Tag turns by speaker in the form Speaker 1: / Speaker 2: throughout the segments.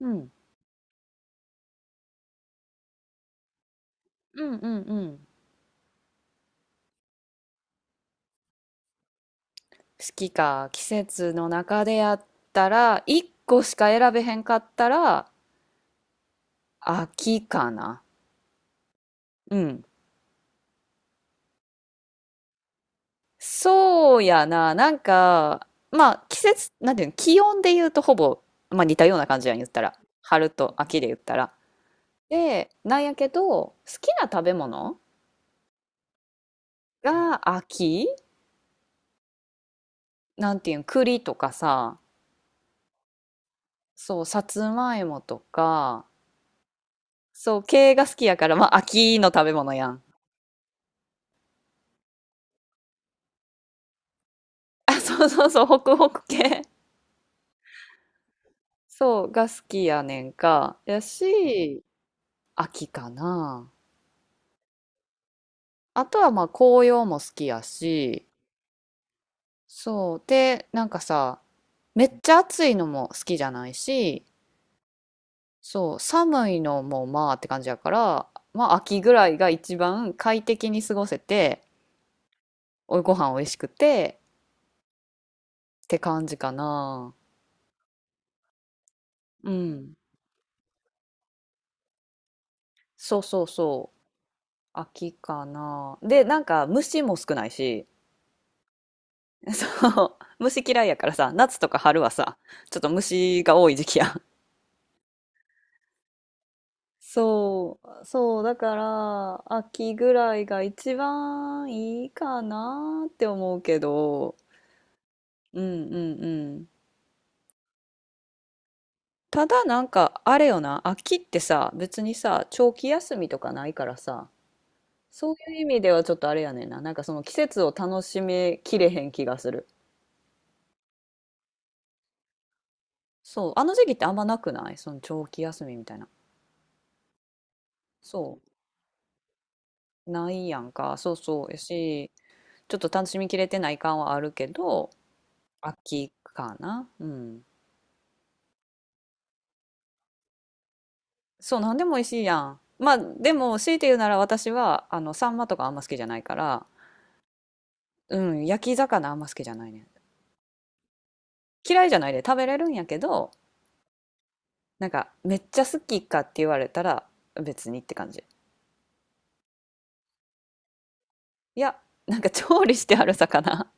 Speaker 1: うん。うんうんうん。好きか。季節の中でやったら、1個しか選べへんかったら、秋かな。うん。そうやな。なんか、まあ、季節、なんていうの、気温で言うとほぼ、まあ似たような感じやん、言ったら。春と秋で言ったら。で、なんやけど、好きな食べ物が秋、なんていうん、栗とかさ、そう、さつまいもとか、そう、系が好きやから、まあ秋の食べ物やん。あ、そうそうそう、ホクホク系。そう、が好きやねんか。やし、秋かな。あとはまあ紅葉も好きやし、そう。で、なんかさ、めっちゃ暑いのも好きじゃないし、そう、寒いのもまあって感じやから、まあ秋ぐらいが一番快適に過ごせて、おご飯美味しくてって感じかな。うん。そうそうそう。秋かな。で、なんか虫も少ないし、そう。虫嫌いやからさ、夏とか春はさ、ちょっと虫が多い時期やん。そう、そう、だから、秋ぐらいが一番いいかなって思うけど、うんうんうん。ただなんか、あれよな、秋ってさ、別にさ、長期休みとかないからさ、そういう意味ではちょっとあれやねんな。なんかその季節を楽しめきれへん気がする。そう、あの時期ってあんまなくない？その長期休みみたいな。そう、ないやんか。そうそう。やし、ちょっと楽しみきれてない感はあるけど、秋かな。うん。そう、なんでも美味しいやん。まあ、でも、強いて言うなら私は、あの、サンマとかあんま好きじゃないから、うん、焼き魚あんま好きじゃないねん。嫌いじゃないで食べれるんやけど、なんか、めっちゃ好きかって言われたら、別にって感じ。いや、なんか調理してある魚。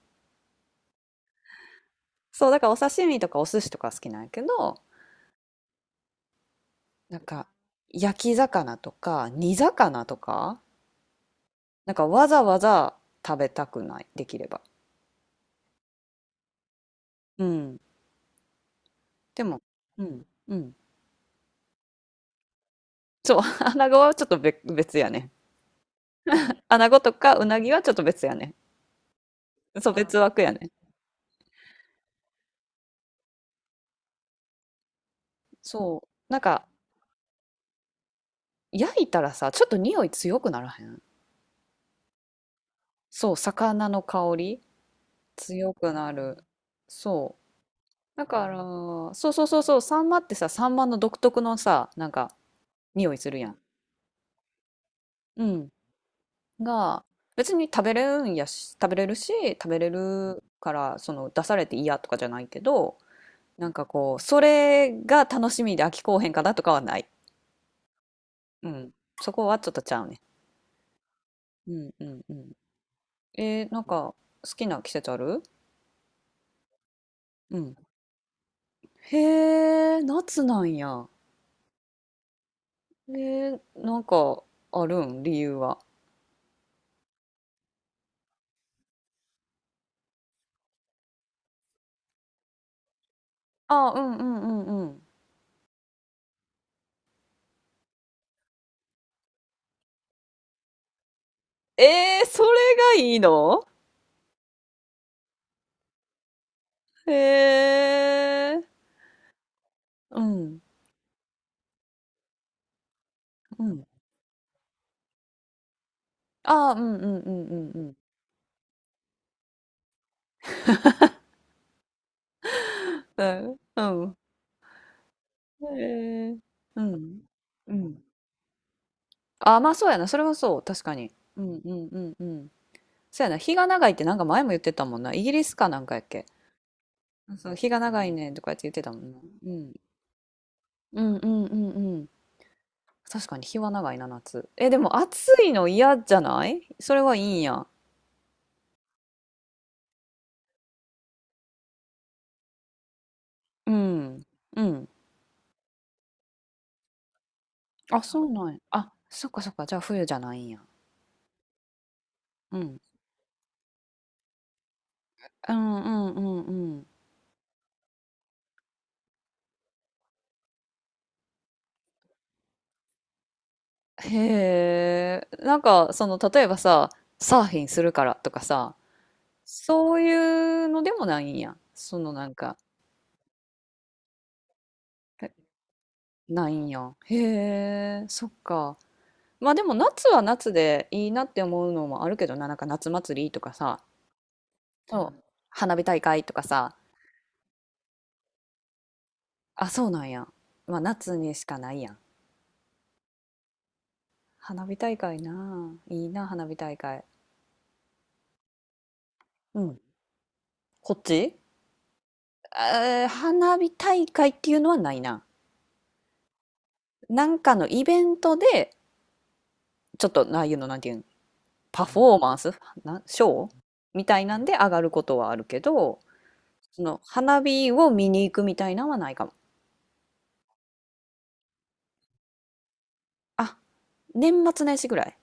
Speaker 1: そう、だからお刺身とかお寿司とか好きなんやけど、なんか、焼き魚とか、煮魚とか、なんかわざわざ食べたくない、できれば。うん。でも、うん、うん。そう、穴子はちょっと別別やね。穴子とかうなぎはちょっと別やね。そう、別枠やね。そう。なんか、焼いたらさ、ちょっと匂い強くならへん？そう、魚の香り強くなる。そう。だから、そうそうそうそう、サンマってさ、サンマの独特のさ、なんか、匂いするやん。うん。が、別に食べれるんやし、食べれるし、食べれるから、その、出されて嫌とかじゃないけど、なんかこう、それが楽しみで飽きこうへんかなとかはない。うん。そこはちょっとちゃうね。うんうんうん。なんか好きな季節ある？うん。へえ、夏なんや。えなんかあるん？理由は。あ、うんうんうんうん。それがいいの？へえ、うん、うん。あ、うんうんうんうんうん。うん、うん。へえ、うん、うん。あ、まあそうやな。それはそう。確かに。うんうんうんうん。そうやな。日が長いってなんか前も言ってたもんな。イギリスかなんかやっけ。そう、日が長いねんとかやって言ってたもんな。うん。うんうんうんうん。確かに日は長いな、夏。え、でも暑いの嫌じゃない？それはいいんや。うん。うん。あ、そうなんや。あ、そっかそっか。じゃあ冬じゃないんや。うん。うんうんうんうん。へえ。なんか、その、例えばさ、サーフィンするからとかさ、そういうのでもないんや。そのなんか、え、ないんや。へえ、そっか。まあでも夏は夏でいいなって思うのもあるけどな、なんか夏祭りとかさ、そう、花火大会とかさ、あ、そうなんや。まあ夏にしかないやん。花火大会なあ、いいな、花火大会。うん。こっち、花火大会っていうのはないな。なんかのイベントで、ちょっと、ああいうの、なんていうん、パフォーマンス、な、ショーみたいなんで上がることはあるけど、その花火を見に行くみたいなのはないかも。あ、年末年始ぐらい。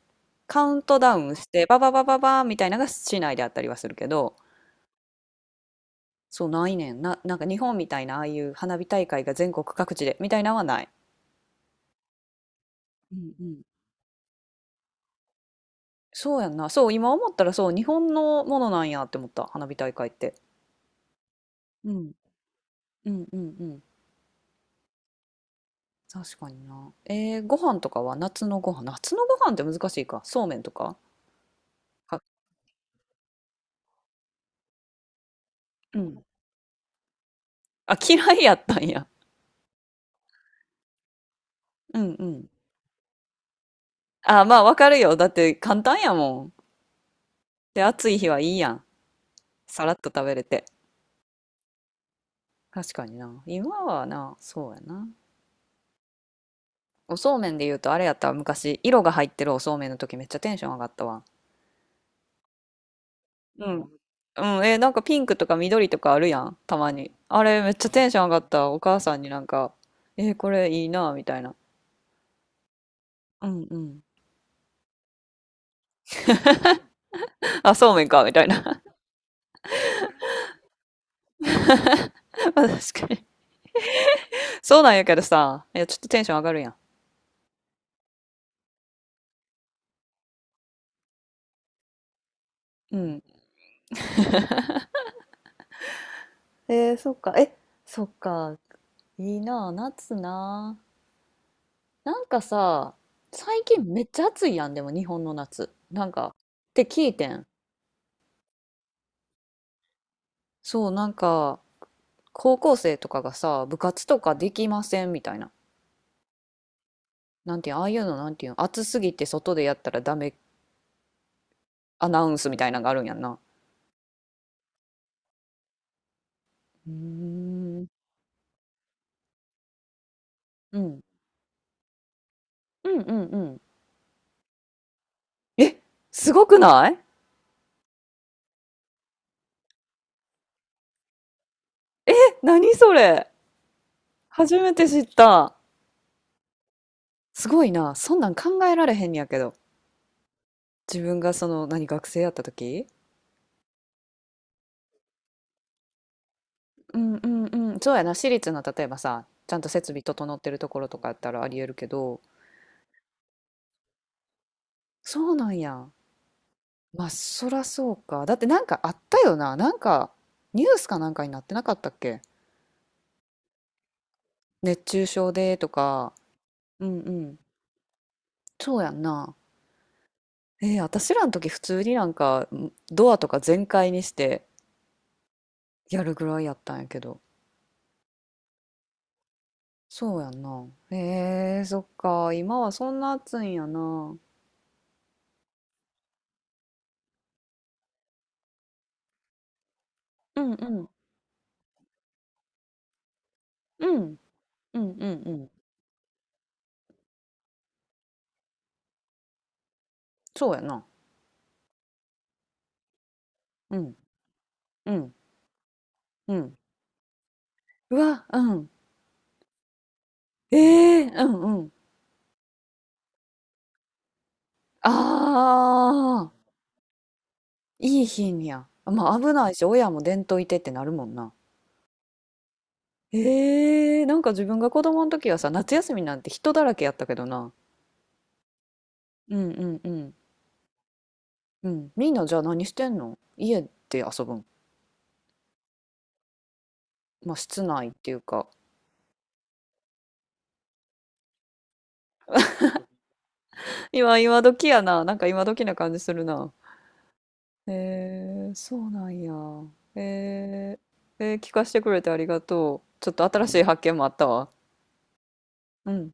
Speaker 1: カウントダウンして、バババババーみたいなのが市内であったりはするけど、そうないねん。な、なんか日本みたいなああいう花火大会が全国各地でみたいなのはない。うんうん。そうやんな。そう、今思ったらそう、日本のものなんやって思った。花火大会って。うん。うんうんうん。確かにな。ご飯とかは夏のご飯。夏のご飯って難しいか。そうめんとかか。うん。あ、嫌いやったんや。うんうん。あ、まあわかるよ。だって簡単やもん。で、暑い日はいいやん。さらっと食べれて。確かにな。今はな、そうやな。おそうめんで言うとあれやったわ、昔、色が入ってるおそうめんの時めっちゃテンション上がったわ。うん。うん、え、なんかピンクとか緑とかあるやん、たまに。あれめっちゃテンション上がった。お母さんになんか、えー、これいいな、みたいな。うんうん。あ、そうめんか、みたいな。まあ確かに。そうなんやけどさ、いや、ちょっとテンション上がるやん。うん。えー、そっか。え、そっか。いいなあ、夏なあ。なんかさ、最近めっちゃ暑いやん、でも日本の夏。なんか、って聞いてん。そう、なんか、高校生とかがさ、部活とかできませんみたいな。なんていうん、ああいうの、なんていうん、暑すぎて外でやったらダメ、アナウンスみたいなのがあるんやんな。うーん。うん。うんうんうん。え、すごくない？え、何それ？初めて知った。すごいな。そんなん考えられへんねやけど。自分がその、何、学生やった時？うんうんうん。そうやな、私立の例えばさ、ちゃんと設備整ってるところとかやったらありえるけど、そうなんや。まあそらそうか、だってなんかあったよな、なんかニュースかなんかになってなかったっけ？熱中症でとか。うんうん。そうやんな。私らの時普通になんか、んドアとか全開にしてやるぐらいやったんやけど、そうやんな。えー、そっか、今はそんな暑いんやな。うん。うんうんうんうんうん。そうやな。うん。うん。うん。うわ、うん。ええ、うんうん。ああ、いい品や。まあ危ないし、親も伝統いてってなるもんな。ええ、なんか自分が子供の時はさ、夏休みなんて人だらけやったけどな。うんうんうん。うん。みんなじゃあ何してんの？家で遊ぶん？まあ室内っていうか。今、今時やな。なんか今時な感じするな。えー、そうなんや。え聞かせてくれてありがとう。ちょっと新しい発見もあったわ。うん。